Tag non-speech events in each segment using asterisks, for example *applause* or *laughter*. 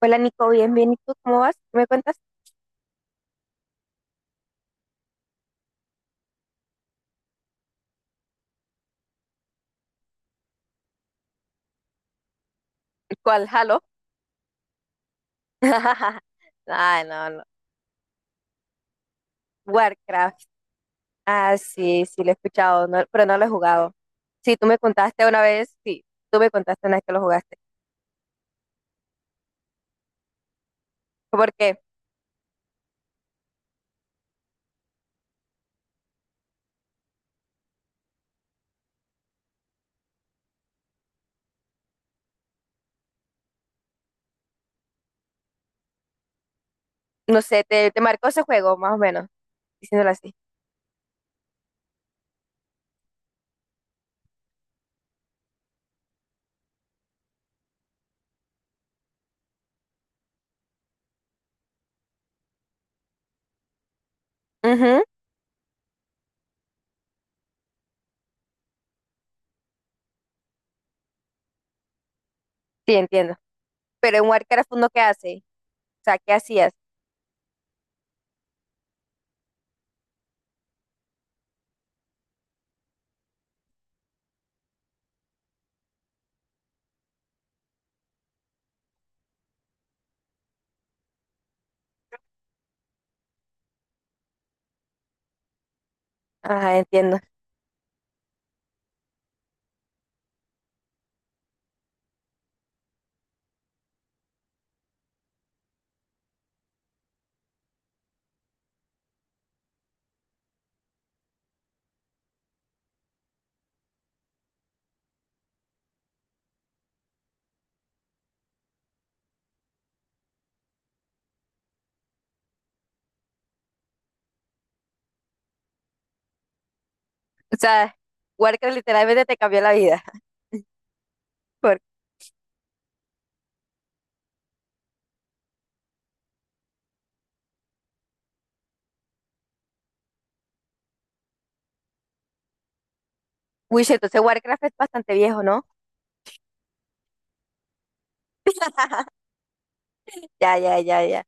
Hola, Nico, bien, bien. ¿Y tú cómo vas? ¿Qué ¿Me cuentas? ¿Cuál? ¿Halo? *laughs* Ay, no, no. Warcraft. Ah, sí, sí, lo he escuchado, pero no lo he jugado. Sí, tú me contaste una vez, sí, tú me contaste una vez que lo jugaste. Porque, no sé, te marcó ese juego, más o menos, diciéndolo así. Ujú, sí, entiendo. Pero en Warcraft uno, ¿qué hace? O sea, ¿qué hacías? Ajá, entiendo. O sea, Warcraft literalmente te cambió la vida. *laughs* Por uy sí, entonces Warcraft es bastante viejo, ¿no? *laughs* Ya, ya, ya, ya.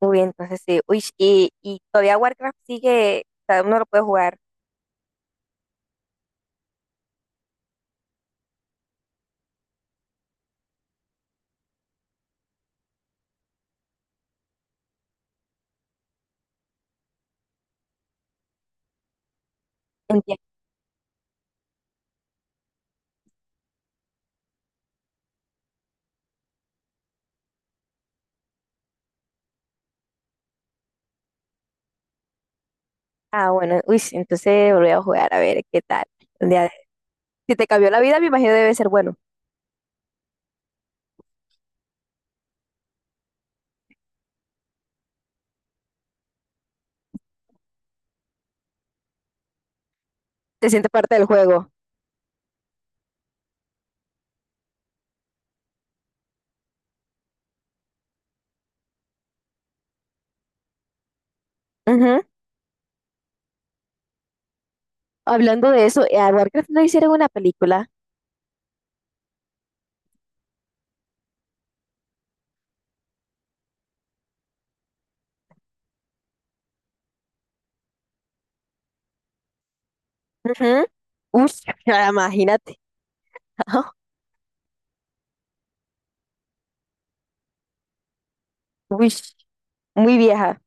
Uy, entonces sí. Uy, y todavía Warcraft sigue, o sea, uno lo puede jugar. Entiendo. Ah, bueno, uy, sí, entonces volví a jugar a ver qué tal. Un día de- Si te cambió la vida, me imagino debe ser bueno. Te sientes parte del juego. Ujú. Hablando de eso, a Warcraft no hicieron una película. Ujú. Uy, *laughs* imagínate. *laughs* Uy, muy vieja.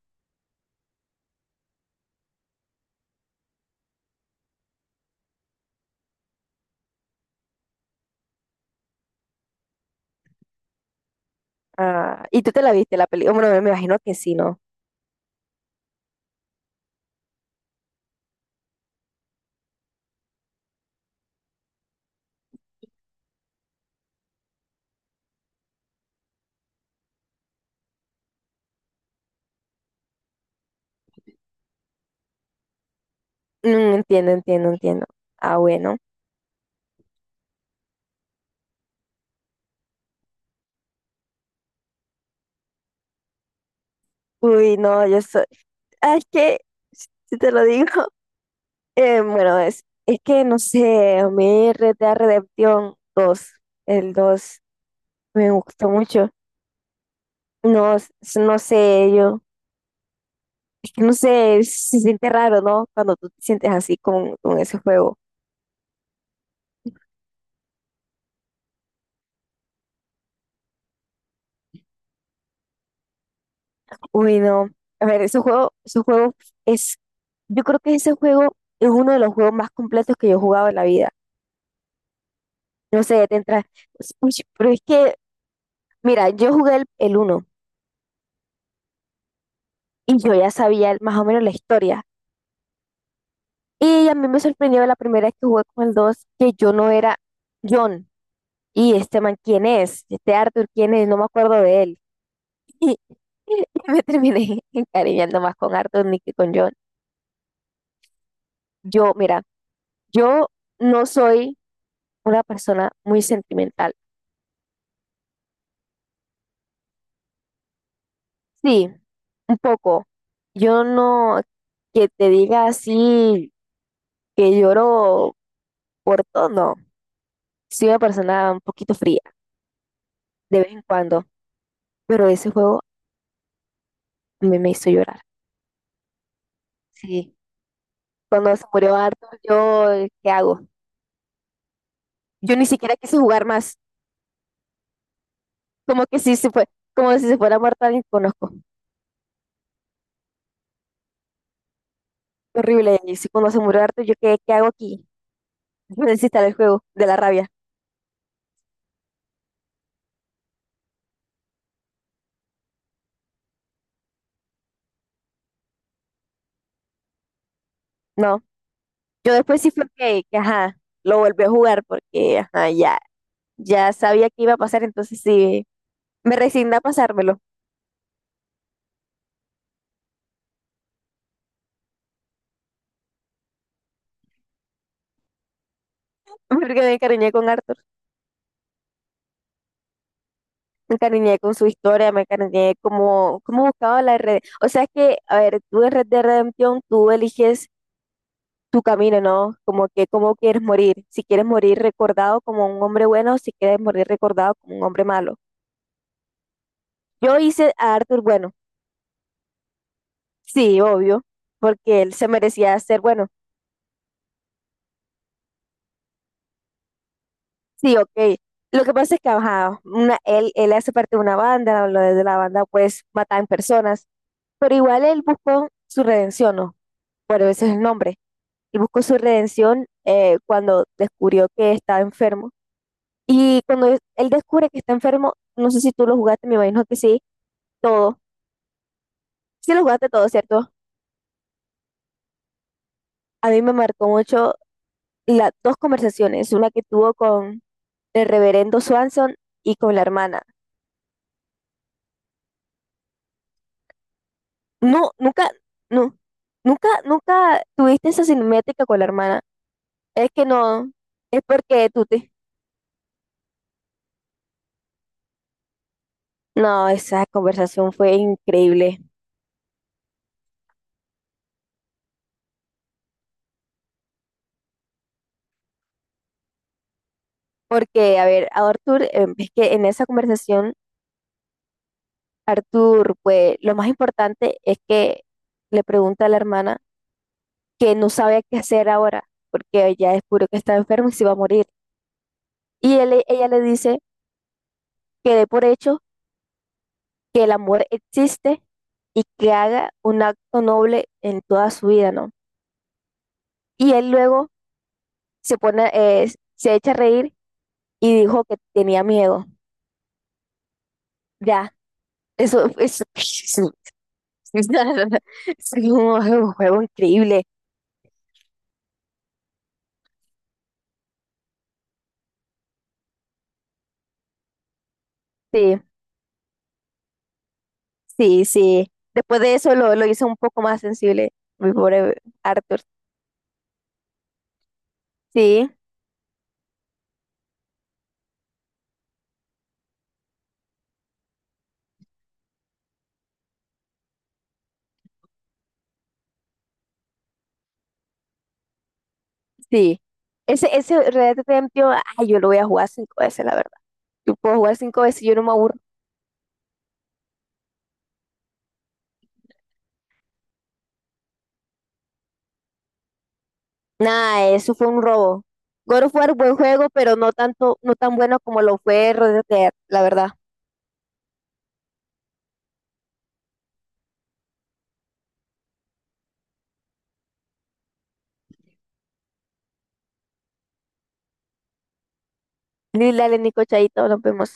Ah, ¿y tú te la viste la película? Bueno, me imagino que sí, ¿no? Mm, entiendo, entiendo, entiendo. Ah, bueno. Uy, no, yo soy. Ah, es que, si te lo digo. Bueno, es que no sé, a mí Red Dead Redemption dos el dos me gustó mucho. No, no sé, yo, es que no sé, se siente raro, ¿no? Cuando tú te sientes así con, ese juego. Uy, no. A ver, ese juego es, yo creo que ese juego es uno de los juegos más completos que yo he jugado en la vida. No sé, te entra, uy, pero es que, mira, yo jugué el uno y yo ya sabía más o menos la historia. Y a mí me sorprendió la primera vez que jugué con el 2 que yo no era John. Y este man, ¿quién es? Este Arthur, ¿quién es? No me acuerdo de él. *laughs* Y me terminé *laughs* encariñando más con Arthur ni que con John. Yo, mira, yo no soy una persona muy sentimental. Sí, un poco. Yo no que te diga así que lloro por todo, no. Soy una persona un poquito fría de vez en cuando, pero ese juego me hizo llorar. Sí. Cuando se murió Arthur, yo, ¿qué hago? Yo ni siquiera quise jugar más, como que si se fue, como si se fuera muerta alguien que conozco. Horrible, y si cuando se murió Arthur, yo, ¿qué, qué hago aquí? *laughs* Yo necesito el juego, de la rabia. No, yo después sí fue que, ajá, lo volví a jugar porque, ajá, ya, ya sabía que iba a pasar, entonces sí, me resigné a pasármelo, *laughs* porque me encariñé con Arthur. Me encariñé con su historia, me encariñé como, como buscaba la red. O sea es que, a ver, tú en Red de Redemption, tú eliges tu camino, ¿no? Como que cómo quieres morir, si quieres morir recordado como un hombre bueno o si quieres morir recordado como un hombre malo. Yo hice a Arthur bueno, sí, obvio, porque él se merecía ser bueno, sí, ok. Lo que pasa es que ajá, una, él hace parte de una banda, lo de la banda pues matan personas, pero igual él buscó su redención, ¿no? Por eso es el nombre. Él buscó su redención cuando descubrió que estaba enfermo. Y cuando él descubre que está enfermo, no sé si tú lo jugaste, me imagino que sí, todo. Sí lo jugaste todo, ¿cierto? A mí me marcó mucho las dos conversaciones, una que tuvo con el reverendo Swanson y con la hermana. No, nunca, no, nunca, nunca tuviste esa cinemática con la hermana. Es que no, es porque tú te... No, esa conversación fue increíble. Porque, a ver, a Arthur, es que en esa conversación Arthur, pues lo más importante es que le pregunta a la hermana que no sabe qué hacer ahora, porque ella descubrió que está enfermo y se va a morir. Ella le dice que dé por hecho que el amor existe y que haga un acto noble en toda su vida, ¿no? Y él luego se pone, se echa a reír y dijo que tenía miedo. Ya, eso, *laughs* es un *laughs* es un juego increíble. Sí, sí, sí. Después de eso lo hizo un poco más sensible, mi pobre Arthur. Sí, sí. Ese Red Dead Redemption, ay, yo lo voy a jugar cinco veces, la verdad. Yo puedo jugar cinco veces y yo no me aburro. Nada, eso fue un robo. God of War, buen juego, pero no tanto, no tan bueno como lo fue Red Dead, la verdad. Lila, Nico, Chaito, nos vemos.